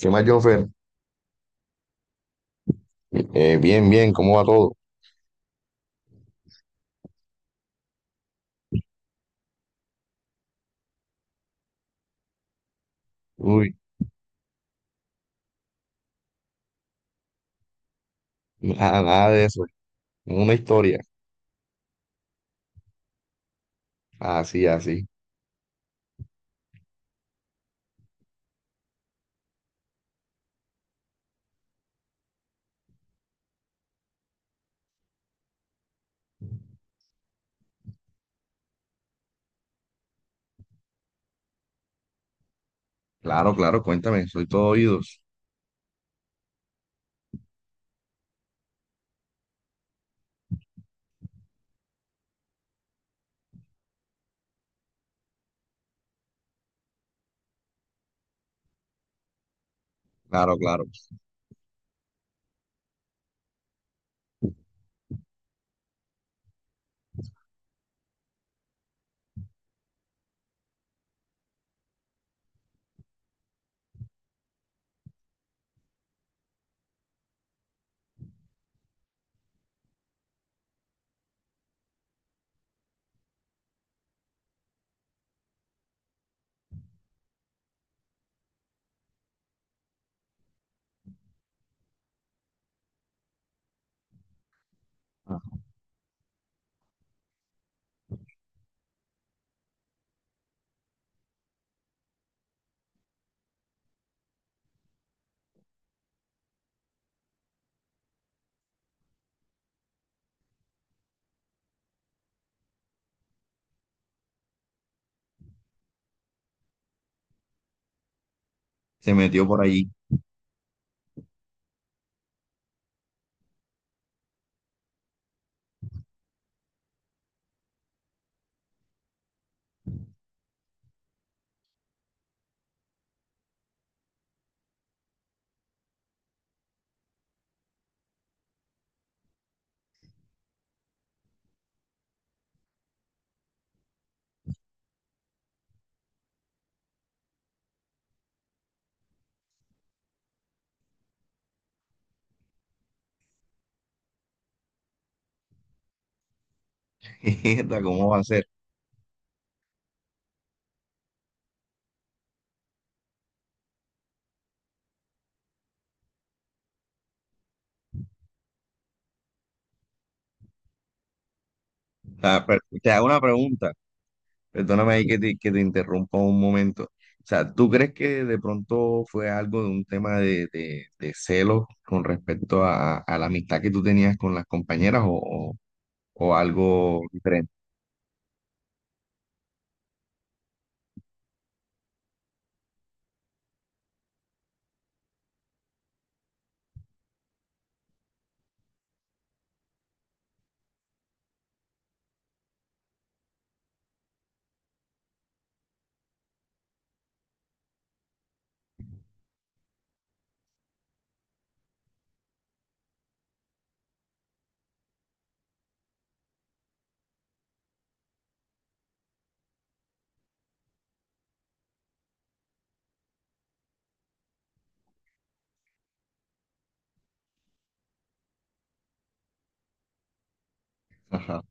¿Qué más, Jonfer? Bien, bien, ¿cómo va todo? Uy, nada, nada de eso. Una historia. Así, así. Claro, claro, cuéntame, soy todo oídos. Claro, claro. Ah, se metió por allí. Mierda, ¿cómo va a ser? O sea, pero te hago una pregunta. Perdóname ahí que te interrumpa un momento. O sea, ¿tú crees que de pronto fue algo de un tema de celos con respecto a la amistad que tú tenías con las compañeras o, o algo diferente? Ajá.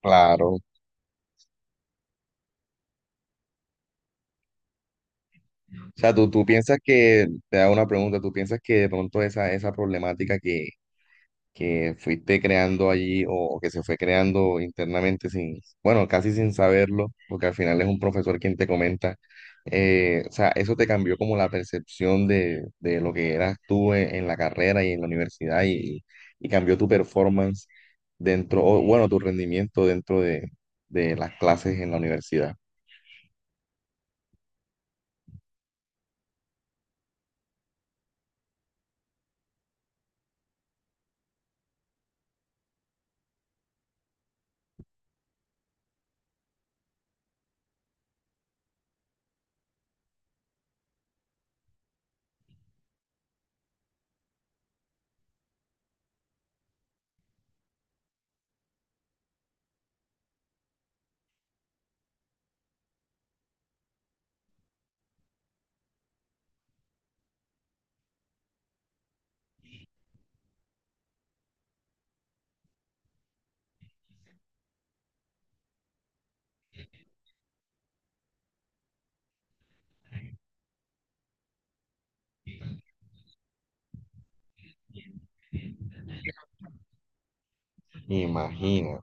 Claro. O sea, tú piensas que, te hago una pregunta, tú piensas que de pronto esa, esa problemática que fuiste creando allí o que se fue creando internamente sin, bueno, casi sin saberlo, porque al final es un profesor quien te comenta, o sea, eso te cambió como la percepción de lo que eras tú en la carrera y en la universidad y cambió tu performance dentro, o bueno, tu rendimiento dentro de las clases en la universidad. Imagino.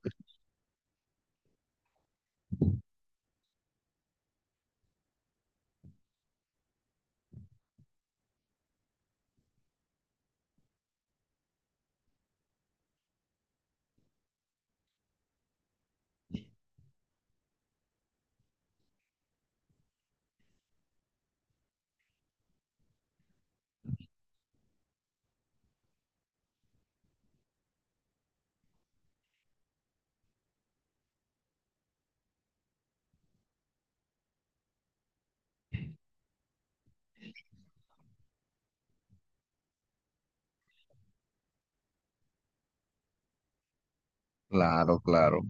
Claro, claro.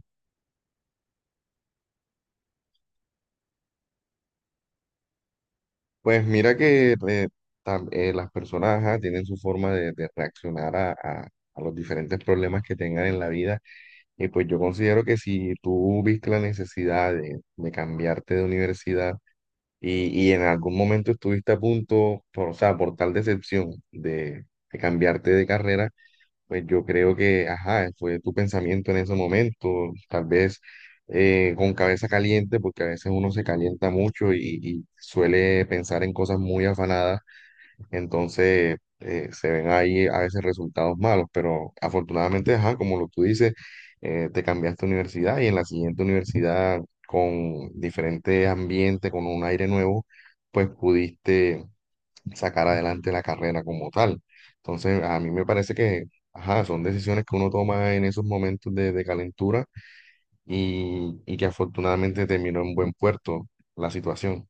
Pues mira que las personas, ajá, tienen su forma de reaccionar a a los diferentes problemas que tengan en la vida. Y pues yo considero que si tú viste la necesidad de cambiarte de universidad y en algún momento estuviste a punto, por, o sea, por tal decepción de cambiarte de carrera, pues yo creo que, ajá, fue tu pensamiento en ese momento, tal vez, con cabeza caliente, porque a veces uno se calienta mucho y suele pensar en cosas muy afanadas, entonces, se ven ahí a veces resultados malos, pero afortunadamente, ajá, como lo tú dices, te cambiaste de universidad y en la siguiente universidad con diferente ambiente, con un aire nuevo, pues pudiste sacar adelante la carrera como tal. Entonces, a mí me parece que, ajá, son decisiones que uno toma en esos momentos de calentura y que afortunadamente terminó en buen puerto la situación.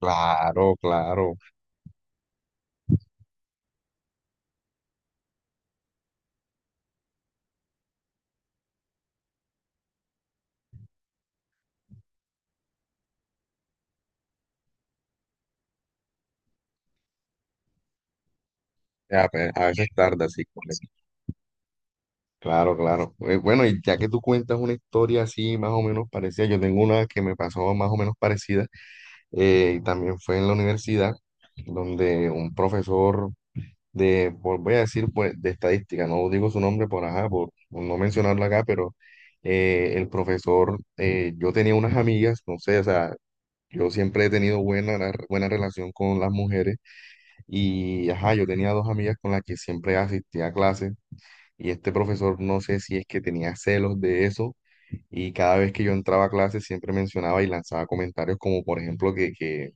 Claro, claro. Ya, pues, a veces tarda, sí. Correcto. Claro, claro. Bueno, y ya que tú cuentas una historia así más o menos parecida, yo tengo una que me pasó más o menos parecida, y también fue en la universidad, donde un profesor de, voy a decir, pues, de estadística, no digo su nombre por, ajá, por no mencionarlo acá, pero, el profesor, yo tenía unas amigas, no sé, o sea, yo siempre he tenido buena, buena relación con las mujeres y, ajá, yo tenía dos amigas con las que siempre asistía a clases y este profesor, no sé si es que tenía celos de eso y cada vez que yo entraba a clases siempre mencionaba y lanzaba comentarios como, por ejemplo, que, que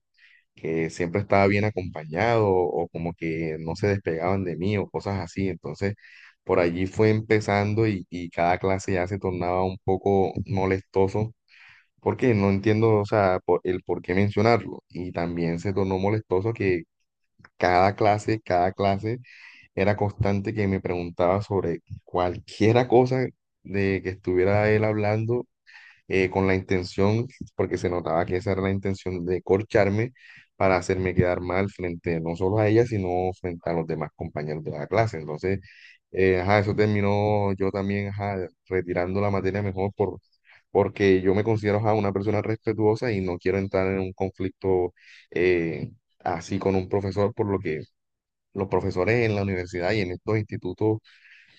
que siempre estaba bien acompañado o como que no se despegaban de mí o cosas así. Entonces, por allí fue empezando y cada clase ya se tornaba un poco molestoso porque no entiendo, o sea, el por qué mencionarlo. Y también se tornó molestoso que cada clase era constante que me preguntaba sobre cualquiera cosa de que estuviera él hablando, con la intención, porque se notaba que esa era la intención de corcharme para hacerme quedar mal frente no solo a ella, sino frente a los demás compañeros de la clase. Entonces, ajá, eso terminó yo también, ajá, retirando la materia mejor por, porque yo me considero, ajá, una persona respetuosa y no quiero entrar en un conflicto, eh, así con un profesor, por lo que los profesores en la universidad y en estos institutos,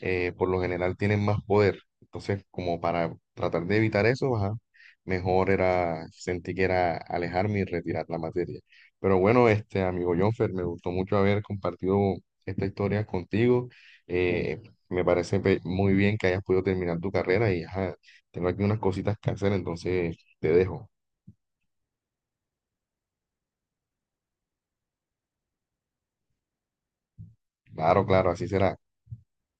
por lo general tienen más poder. Entonces, como para tratar de evitar eso, ajá, mejor era, sentí que era alejarme y retirar la materia. Pero bueno, este amigo Jonfer, me gustó mucho haber compartido esta historia contigo. Eh, Me parece muy bien que hayas podido terminar tu carrera y, ajá, tengo aquí unas cositas que hacer, entonces te dejo. Claro, claro, así será.